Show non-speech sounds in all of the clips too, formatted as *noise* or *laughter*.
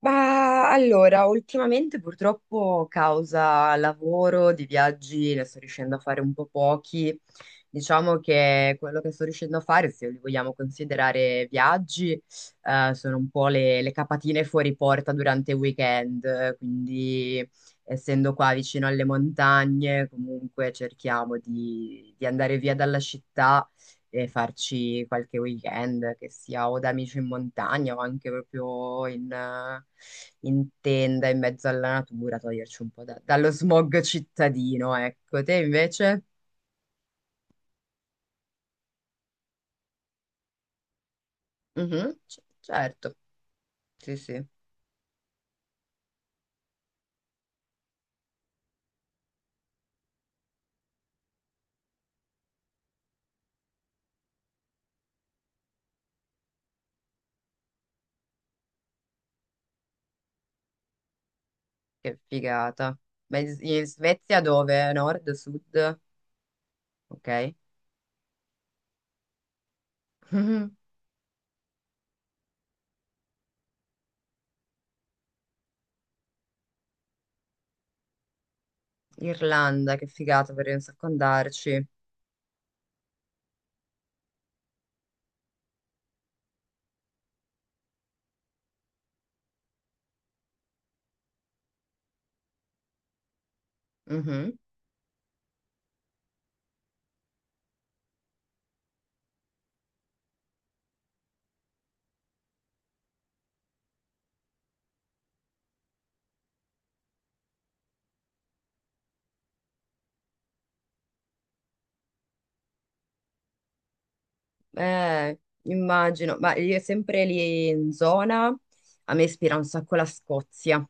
Ma allora, ultimamente purtroppo causa lavoro, di viaggi, ne sto riuscendo a fare un po' pochi. Diciamo che quello che sto riuscendo a fare, se li vogliamo considerare viaggi, sono un po' le capatine fuori porta durante il weekend. Quindi, essendo qua vicino alle montagne, comunque cerchiamo di andare via dalla città e farci qualche weekend, che sia o da amici in montagna o anche proprio in tenda in mezzo alla natura, toglierci un po' dallo smog cittadino, ecco. Te invece? Mhm, certo, sì, sì, che figata. Ma in Svezia dove? Nord, sud? Ok. *laughs* Mhm. Irlanda, che figata, vorrei un sacco andarci. Mm-hmm. Eh, Immagino, ma io sempre lì in zona, a me ispira un sacco la Scozia.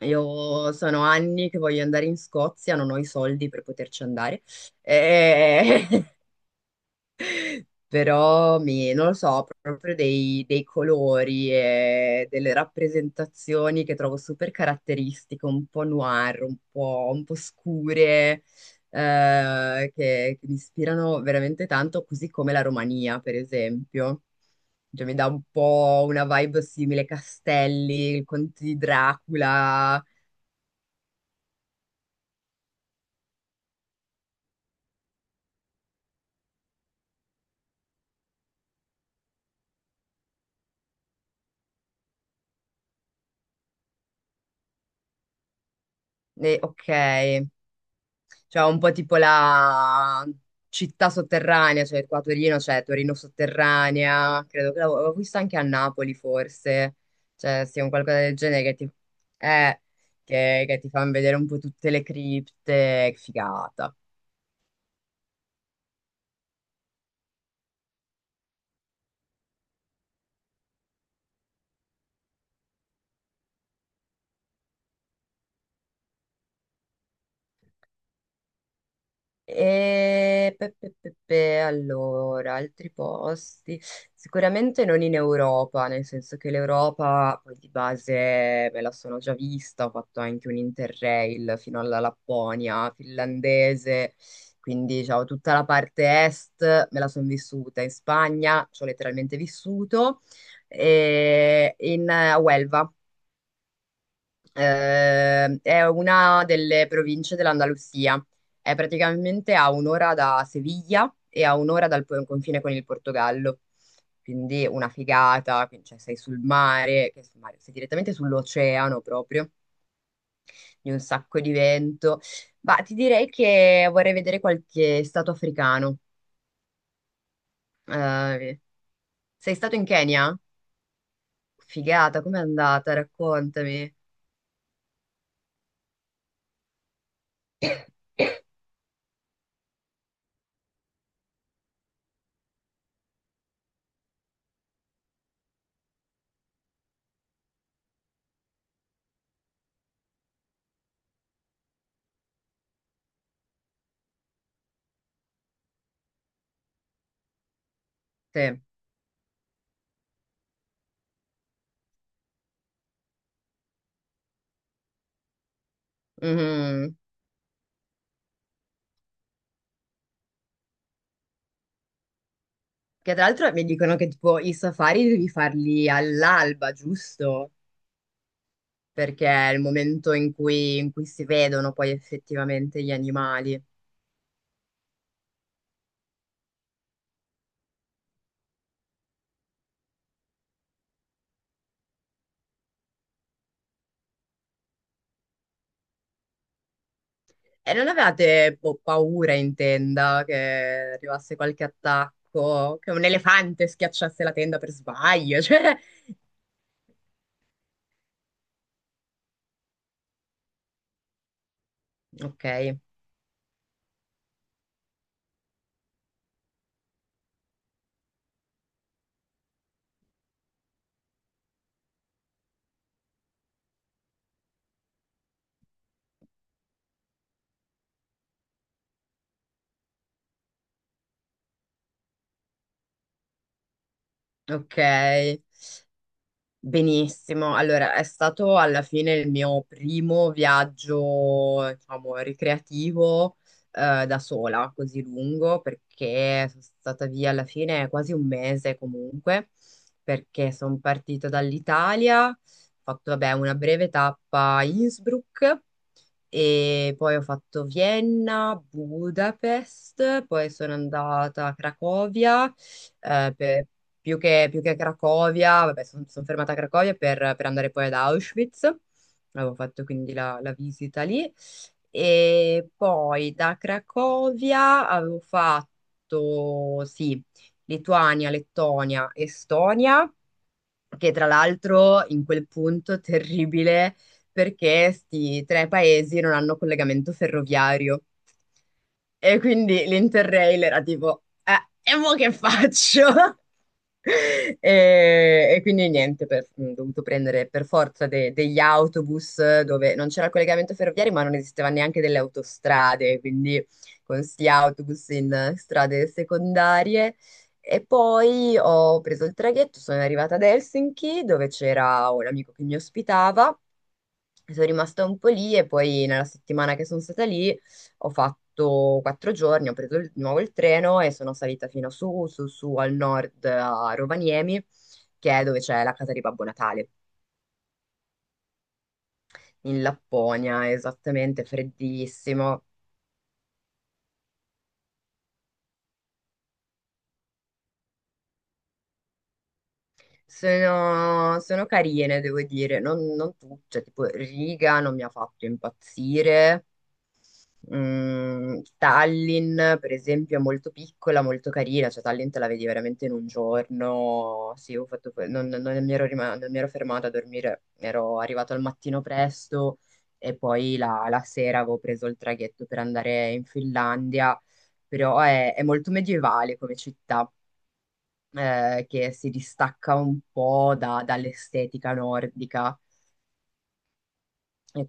Io sono anni che voglio andare in Scozia, non ho i soldi per poterci andare. Eh, *laughs* Però mi, non lo so, proprio dei colori e delle rappresentazioni che trovo super caratteristiche, un po' noir, un po' scure, eh, che mi ispirano veramente tanto, così come la Romania, per esempio. Cioè, mi dà un po' una vibe simile, castelli, il conte di Dracula. E, ok. Cioè un po' tipo la città sotterranea, cioè qua a Torino c'è Torino sotterranea, credo che l'avevo vista anche a Napoli forse, cioè sia un qualcosa del genere che ti, eh, che ti fanno vedere un po' tutte le cripte, che figata. Allora, altri posti, sicuramente non in Europa, nel senso che l'Europa poi di base me la sono già vista, ho fatto anche un Interrail fino alla Lapponia finlandese, quindi diciamo tutta la parte est me la sono vissuta, in Spagna ci ho letteralmente vissuto, e in a Huelva. È una delle province dell'Andalusia. È praticamente a un'ora da Seviglia e a un'ora confine con il Portogallo. Quindi una figata, quindi, cioè, sei sul mare, che sul mare, sei direttamente sull'oceano proprio, di un sacco di vento. Ma ti direi che vorrei vedere qualche stato africano. Eh, sei stato in Kenya? Figata, com'è andata? Raccontami. Sì. Mhm. Che tra l'altro mi dicono che tipo i safari devi farli all'alba, giusto? Perché è il momento in cui si vedono poi effettivamente gli animali. E non avevate boh, paura in tenda che arrivasse qualche attacco, che un elefante schiacciasse la tenda per sbaglio? *laughs* Cioè, ok, ok. Benissimo, allora è stato alla fine il mio primo viaggio, diciamo, ricreativo da sola, così lungo, perché sono stata via alla fine quasi un mese comunque, perché sono partita dall'Italia, ho fatto vabbè, una breve tappa a Innsbruck e poi ho fatto Vienna, Budapest, poi sono andata a Cracovia, eh, per- più che a Cracovia, vabbè, sono fermata a Cracovia per andare poi ad Auschwitz, avevo fatto quindi la visita lì, e poi da Cracovia avevo fatto, sì, Lituania, Lettonia, Estonia, che tra l'altro in quel punto terribile perché sti tre paesi non hanno collegamento ferroviario e quindi l'Interrail era e mo che faccio? *laughs* *laughs* E, e quindi niente, ho dovuto prendere per forza degli autobus dove non c'era il collegamento ferroviario, ma non esisteva neanche delle autostrade, quindi con sti autobus in strade secondarie. E poi ho preso il traghetto, sono arrivata ad Helsinki dove c'era un amico che mi ospitava. Sono rimasta un po' lì e poi nella settimana che sono stata lì ho fatto quattro giorni, ho preso di nuovo il treno e sono salita fino su, su, su al nord a Rovaniemi, che è dove c'è la casa di Babbo Natale, in Lapponia, esattamente, freddissimo. Sono carine, devo dire, non tu, cioè tipo Riga non mi ha fatto impazzire. Mm, Tallinn, per esempio, è molto piccola, molto carina, cioè Tallinn te la vedi veramente in un giorno. Sì, ho fatto non mi ero fermata a dormire, ero arrivato al mattino presto e poi la sera avevo preso il traghetto per andare in Finlandia, però è molto medievale come città, che si distacca un po' dall'estetica nordica. E-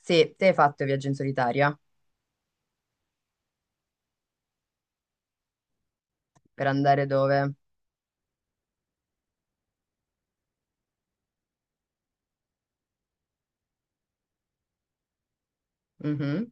sì, te hai fatto viaggio in solitaria? Per andare dove? Mhm.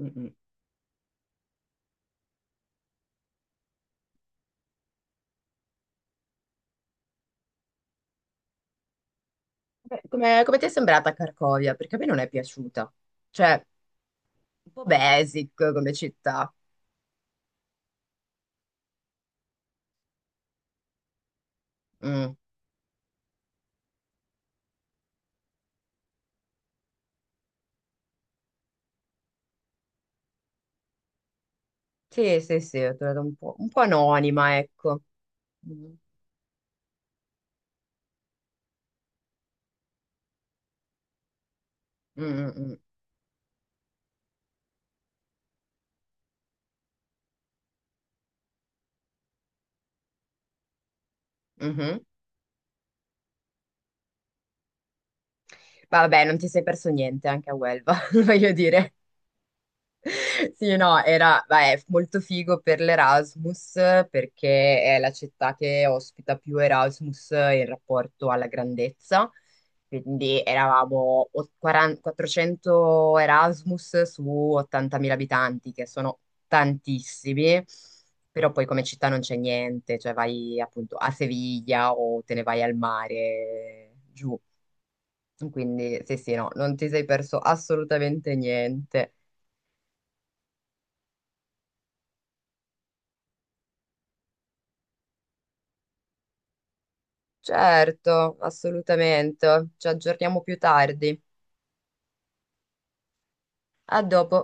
Mm-mm. Beh, come ti è sembrata Cracovia? Perché a me non è piaciuta. Cioè, un po' basic come città. Mm. Sì, sì, sì, ho trovato un po' anonima, ecco. Mm. Mm, mm, mm. Mhm. Ma vabbè, non ti sei perso niente anche a Huelva, *laughs* voglio dire. Sì, no, era, beh, molto figo per l'Erasmus perché è la città che ospita più Erasmus in rapporto alla grandezza. Quindi eravamo 40 400 Erasmus su 80.000 abitanti, che sono tantissimi, però poi come città non c'è niente, cioè vai appunto a Seviglia o te ne vai al mare giù. Quindi sì, sì, no, non ti sei perso assolutamente niente. Certo, assolutamente. Ci aggiorniamo più tardi. A dopo.